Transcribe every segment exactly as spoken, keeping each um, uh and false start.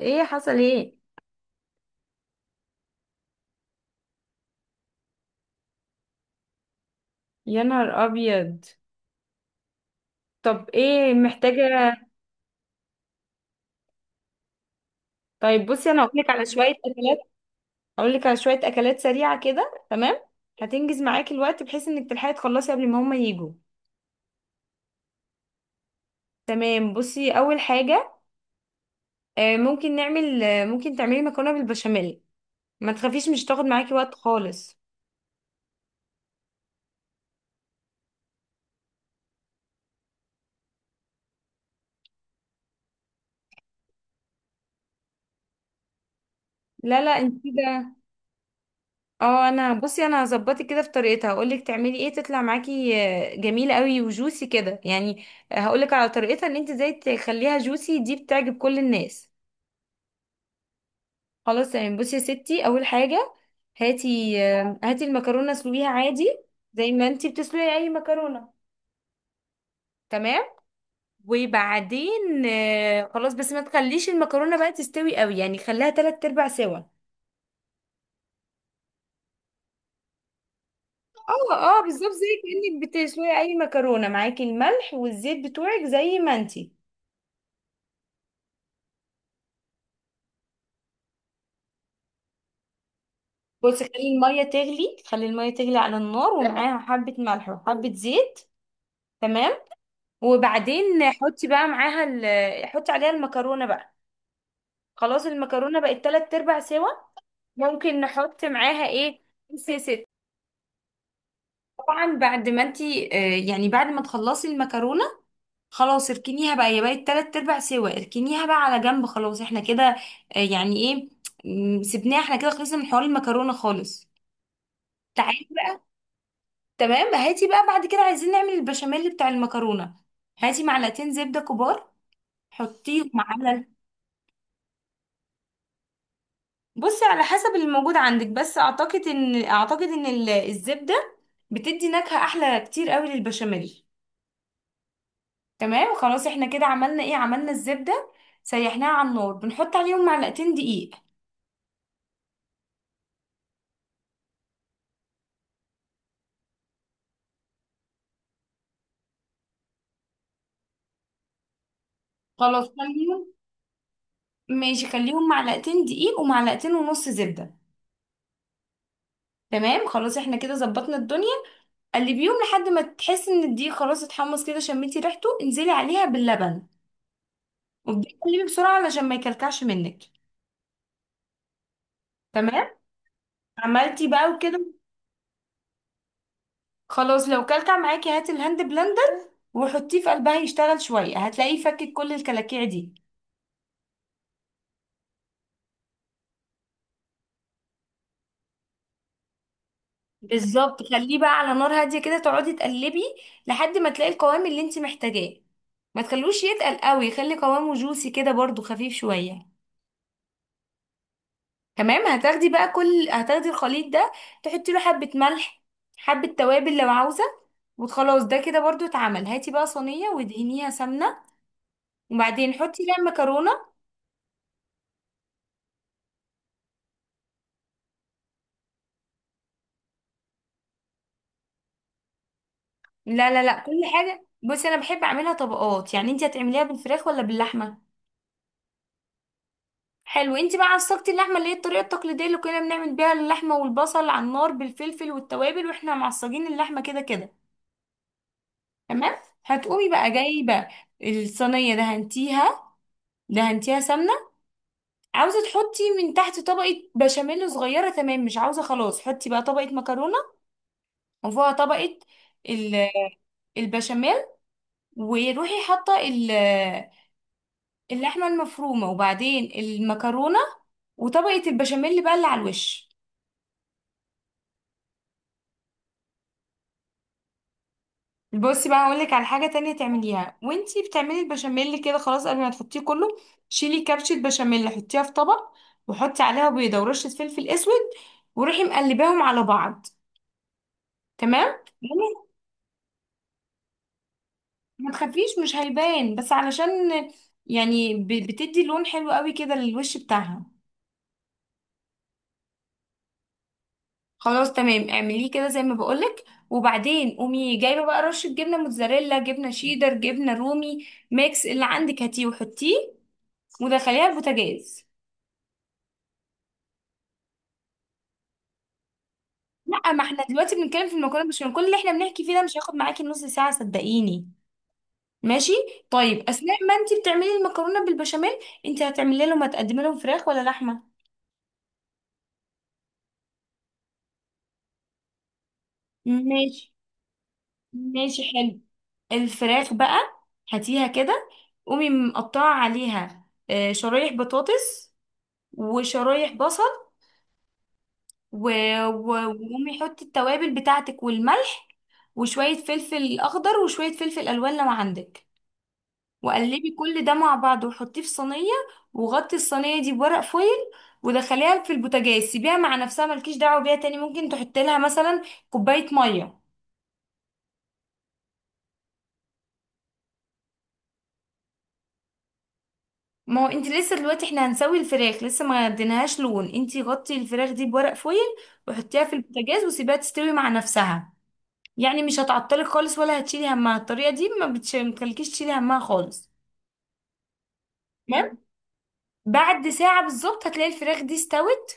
ايه حصل ايه؟ يا نهار ابيض. طب ايه محتاجه؟ طيب بصي، انا هقولك على شويه اكلات. هقولك على شويه اكلات سريعه كده، تمام. هتنجز معاكي الوقت بحيث انك تلحقي تخلصي قبل ما هما يجوا. تمام بصي، اول حاجه آه، ممكن نعمل، آه، ممكن تعملي مكرونه بالبشاميل. ما تخافيش، مش تاخد معاكي وقت خالص. لا لا، انت كده اه انا بصي، انا هظبطك كده في طريقتها. هقولك تعملي ايه تطلع معاكي آه، جميله قوي وجوسي كده، يعني آه، هقولك على طريقتها ان انت ازاي تخليها جوسي. دي بتعجب كل الناس. خلاص يعني، بصي يا ستي، اول حاجه هاتي آه، هاتي المكرونه، اسلقيها عادي زي ما انت بتسلقي اي مكرونه، تمام. وبعدين آه، خلاص بس ما تخليش المكرونه بقى تستوي قوي، يعني خليها تلات ارباع سوا. اه اه، بالظبط زي كأنك بتسلقي اي مكرونه، معاكي الملح والزيت بتوعك زي ما انت. بصي خلي الميه تغلي، خلي الميه تغلي على النار ومعاها حبه ملح وحبه زيت، تمام. وبعدين حطي بقى معاها ال... حطي عليها المكرونه بقى. خلاص المكرونه بقت تلات ارباع سوا. ممكن نحط معاها ايه؟ بصي يا ست، طبعا بعد ما انتي آه، يعني بعد ما تخلصي المكرونه خلاص، اركنيها بقى، هي بقت تلات ارباع سوا، اركنيها بقى على جنب، خلاص احنا كده آه، يعني ايه، م، سيبناها. احنا كده خلصنا من حوار المكرونه خالص. تعالي. تمام، هاتي بقى بعد كده، عايزين نعمل البشاميل بتاع المكرونة. هاتي معلقتين زبدة كبار، حطيهم على ال- بصي على حسب اللي موجود عندك، بس اعتقد ان اعتقد ان ال- الزبدة بتدي نكهة احلى كتير قوي للبشاميل. تمام خلاص، احنا كده عملنا ايه؟ عملنا الزبدة، سيحناها على النار، بنحط عليهم معلقتين دقيق. خلاص خليهم. ماشي، خليهم معلقتين دقيق ومعلقتين ونص زبدة. تمام خلاص، احنا كده ظبطنا الدنيا. قلبيهم لحد ما تحس ان الدقيق خلاص اتحمص كده، شميتي ريحته، انزلي عليها باللبن وابدأي قلبي بسرعة علشان ما يكلكعش منك. تمام. عملتي بقى وكده، خلاص. لو كلكع معاكي، هاتي الهاند بلندر وحطيه في قلبها يشتغل شوية، هتلاقيه فكك كل الكلاكيع دي. بالظبط، خليه بقى على نار هادية كده، تقعدي تقلبي لحد ما تلاقي القوام اللي انت محتاجاه. ما تخلوش يتقل قوي، خلي قوامه جوسي كده برضو، خفيف شوية. تمام، هتاخدي بقى كل، هتاخدي الخليط ده، تحطي له حبة ملح، حبة توابل لو عاوزة. وخلاص ده كده برضو اتعمل. هاتي بقى صينية وادهنيها سمنة، وبعدين حطي فيها المكرونة. لا لا لا، كل حاجة بصي انا بحب اعملها طبقات. يعني انت هتعمليها بالفراخ ولا باللحمة؟ حلو. انت بقى عصقتي اللحمة، اللي هي الطريقة التقليدية اللي كنا بنعمل بيها اللحمة والبصل على النار بالفلفل والتوابل، واحنا معصجين اللحمة كده كده. تمام. هتقومي بقى جايبة الصينية، دهنتيها، دهنتيها سمنة، عاوزة تحطي من تحت طبقة بشاميل صغيرة. تمام، مش عاوزة، خلاص حطي بقى طبقة مكرونة، وفوقها طبقة ال- البشاميل. وروحي حاطة ال- اللحمة المفرومة، وبعدين المكرونة، وطبقة البشاميل بقى اللي على الوش. بصي بقى، هقولك على حاجة تانية تعمليها وانتي بتعملي البشاميل كده. خلاص قبل ما تحطيه كله، شيلي كبشة بشاميل، حطيها في طبق، وحطي عليها بيضة ورشة فلفل اسود، وروحي مقلباهم على بعض. تمام. ما تخافيش، مش هيبان، بس علشان يعني ب- بتدي لون حلو قوي كده للوش بتاعها. خلاص تمام، اعمليه كده زي ما بقولك. وبعدين قومي جايبه بقى رشه جبنه موتزاريلا، جبنه شيدر، جبنه رومي، ميكس اللي عندك هاتيه وحطيه، ودخليها البوتاجاز. لا، ما احنا دلوقتي بنتكلم في المكرونه بشاميل. كل اللي احنا بنحكي فيه ده مش هياخد معاكي نص ساعه، صدقيني. ماشي. طيب، اثناء ما انت بتعملي المكرونه بالبشاميل، انت هتعملي لهم، هتقدمي لهم فراخ ولا لحمه؟ ماشي ماشي، حلو. الفراخ بقى هاتيها كده، قومي مقطعة عليها آه، شرايح بطاطس وشرايح بصل، و- و- وقومي حطي التوابل بتاعتك والملح وشوية فلفل أخضر وشوية فلفل ألوان لو عندك، وقلبي كل ده مع بعض وحطيه في صينية، وغطي الصينية دي بورق فويل، ودخليها في البوتاجاز. سيبيها مع نفسها، ملكيش دعوة بيها تاني. ممكن تحطي لها مثلا كوباية مية. ما هو انت لسه، دلوقتي احنا هنسوي الفراخ، لسه ما اديناهاش لون. انت غطي الفراخ دي بورق فويل وحطيها في البوتاجاز وسيبيها تستوي مع نفسها. يعني مش هتعطلك خالص ولا هتشيلي همها. الطريقة دي ما بتش- ما بتخليكيش تشيلي همها خالص. تمام. بعد ساعة بالظبط هتلاقي الفراخ دي استوت،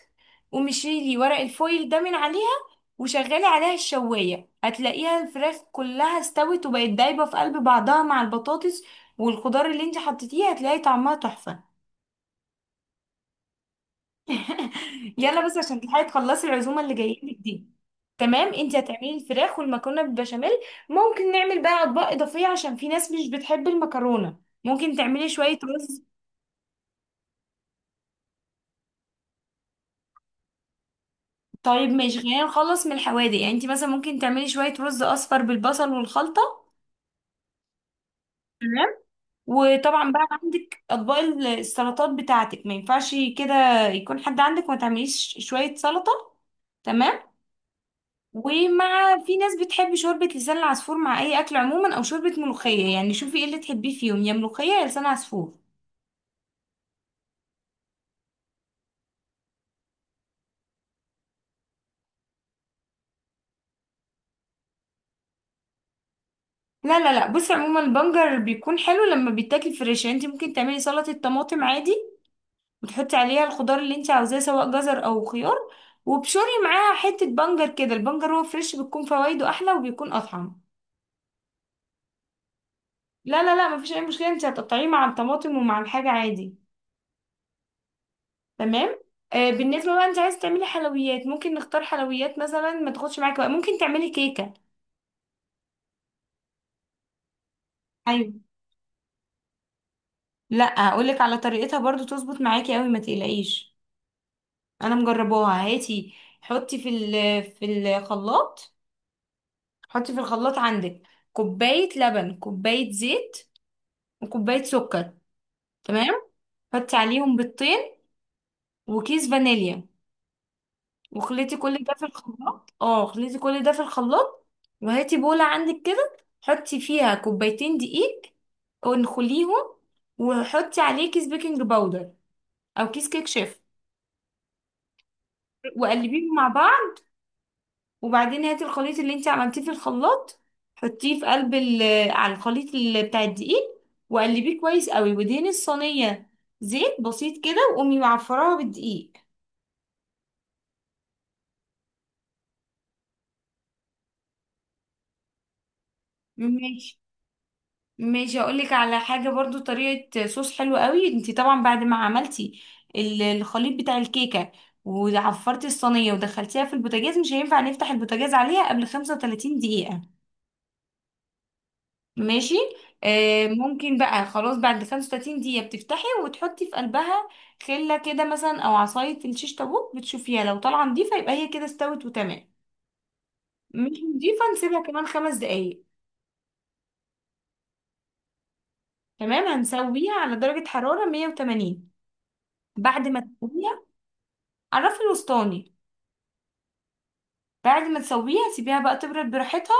ومشيلي ورق الفويل ده من عليها، وشغلي عليها الشواية. هتلاقيها الفراخ كلها استوت وبقت دايبة في قلب بعضها مع البطاطس، والخضار اللي انت حطيتيه هتلاقي طعمها تحفة. يلا بس عشان تلحقي تخلصي العزومه اللي جايه لك دي. تمام، انت هتعملي الفراخ والمكرونه بالبشاميل. ممكن نعمل بقى اطباق اضافيه، عشان في ناس مش بتحب المكرونه، ممكن تعملي شويه رز. طيب ماشي، خلينا نخلص من الحوادق. يعني انت مثلا ممكن تعملي شويه رز اصفر بالبصل والخلطه. وطبعا بقى عندك اطباق ال- السلطات بتاعتك، ما ينفعش كده يكون حد عندك وما تعمليش شويه سلطه. تمام. ومع، في ناس بتحب شوربة لسان العصفور مع أي أكل عموما، أو شوربة ملوخية. يعني شوفي ايه اللي تحبيه فيهم، يا ملوخية يا لسان عصفور. لا لا لا، بصي عموما البنجر بيكون حلو لما بيتاكل فريش. يعني انت ممكن تعملي سلطة طماطم عادي، وتحطي عليها الخضار اللي انت عاوزاه، سواء جزر أو خيار، وبشوري معاها حتة بنجر كده. البنجر هو فريش، بتكون فوائده أحلى وبيكون أطعم. لا لا لا، مفيش أي مشكلة، انت هتقطعيه مع الطماطم ومع الحاجة عادي. تمام. آه بالنسبة بقى، انت عايز تعملي حلويات؟ ممكن نختار حلويات مثلا ما تاخدش معاكي بقى. ممكن تعملي كيكة. ايوه. لا هقولك على طريقتها برضو، تظبط معاكي قوي ما تقلقيش. انا مجرباها. هاتي، حطي في ال في الخلاط، حطي في الخلاط عندك كوباية لبن، كوباية زيت، وكوباية سكر. تمام. حطي عليهم بيضتين وكيس فانيليا، وخليتي كل ده في الخلاط. اه خليتي كل ده في الخلاط. وهاتي بولة عندك كده، حطي فيها كوبايتين دقيق وانخليهم، وحطي عليه كيس بيكنج باودر او كيس كيك شيف، وقلبيهم مع بعض. وبعدين هاتي الخليط اللي انت عملتيه في الخلاط، حطيه في قلب ال- على الخليط ال- بتاع الدقيق، وقلبيه كويس قوي، ودهني الصينية زيت بسيط كده، وقومي معفراها بالدقيق. ماشي ماشي، اقول لك على حاجه برضو، طريقه صوص حلو قوي. انت طبعا بعد ما عملتي ال- الخليط بتاع الكيكه، وعفرتي الصينيه ودخلتيها في البوتاجاز، مش هينفع نفتح البوتاجاز عليها قبل خمسة وتلاتين دقيقه. ماشي. آه ممكن بقى، خلاص بعد خمسة وتلاتين دقيقه بتفتحي وتحطي في قلبها خله كده مثلا او عصايه الشيش طاووق، بتشوفيها لو طالعه نضيفه يبقى هي كده استوت وتمام. مش نضيفه، نسيبها كمان خمس دقايق. تمام. هنسويها على درجه حراره مية وتمانين. بعد ما تسويها، عرفي الوسطاني. بعد ما تسويها سيبيها بقى تبرد براحتها.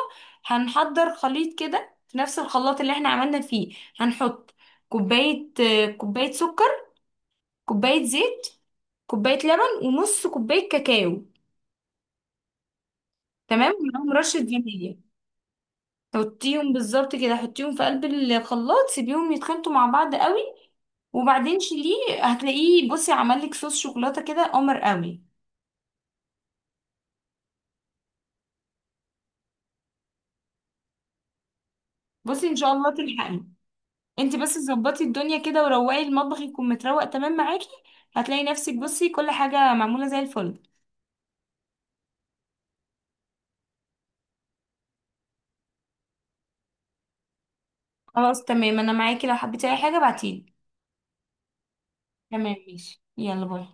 هنحضر خليط كده في نفس الخلاط اللي احنا عملنا فيه. هنحط كوباية آه، كوباية سكر، كوباية زيت، كوباية لبن، ونص كوباية كاكاو. تمام، ومعاهم رشة فانيليا. حطيهم بالظبط كده، حطيهم في قلب الخلاط، سيبيهم يتخلطوا مع بعض قوي، وبعدين شيليه. هتلاقيه، بصي، عمل لك صوص شوكولاتة كده قمر قوي. بصي ان شاء الله تلحقي. انت بس ظبطي الدنيا كده، وروقي المطبخ يكون متروق تمام معاكي. هتلاقي نفسك، بصي، كل حاجة معمولة زي الفل. خلاص تمام، انا معاكي لو حبيتي اي حاجة بعتيلي. تمام ماشي، يلا باي.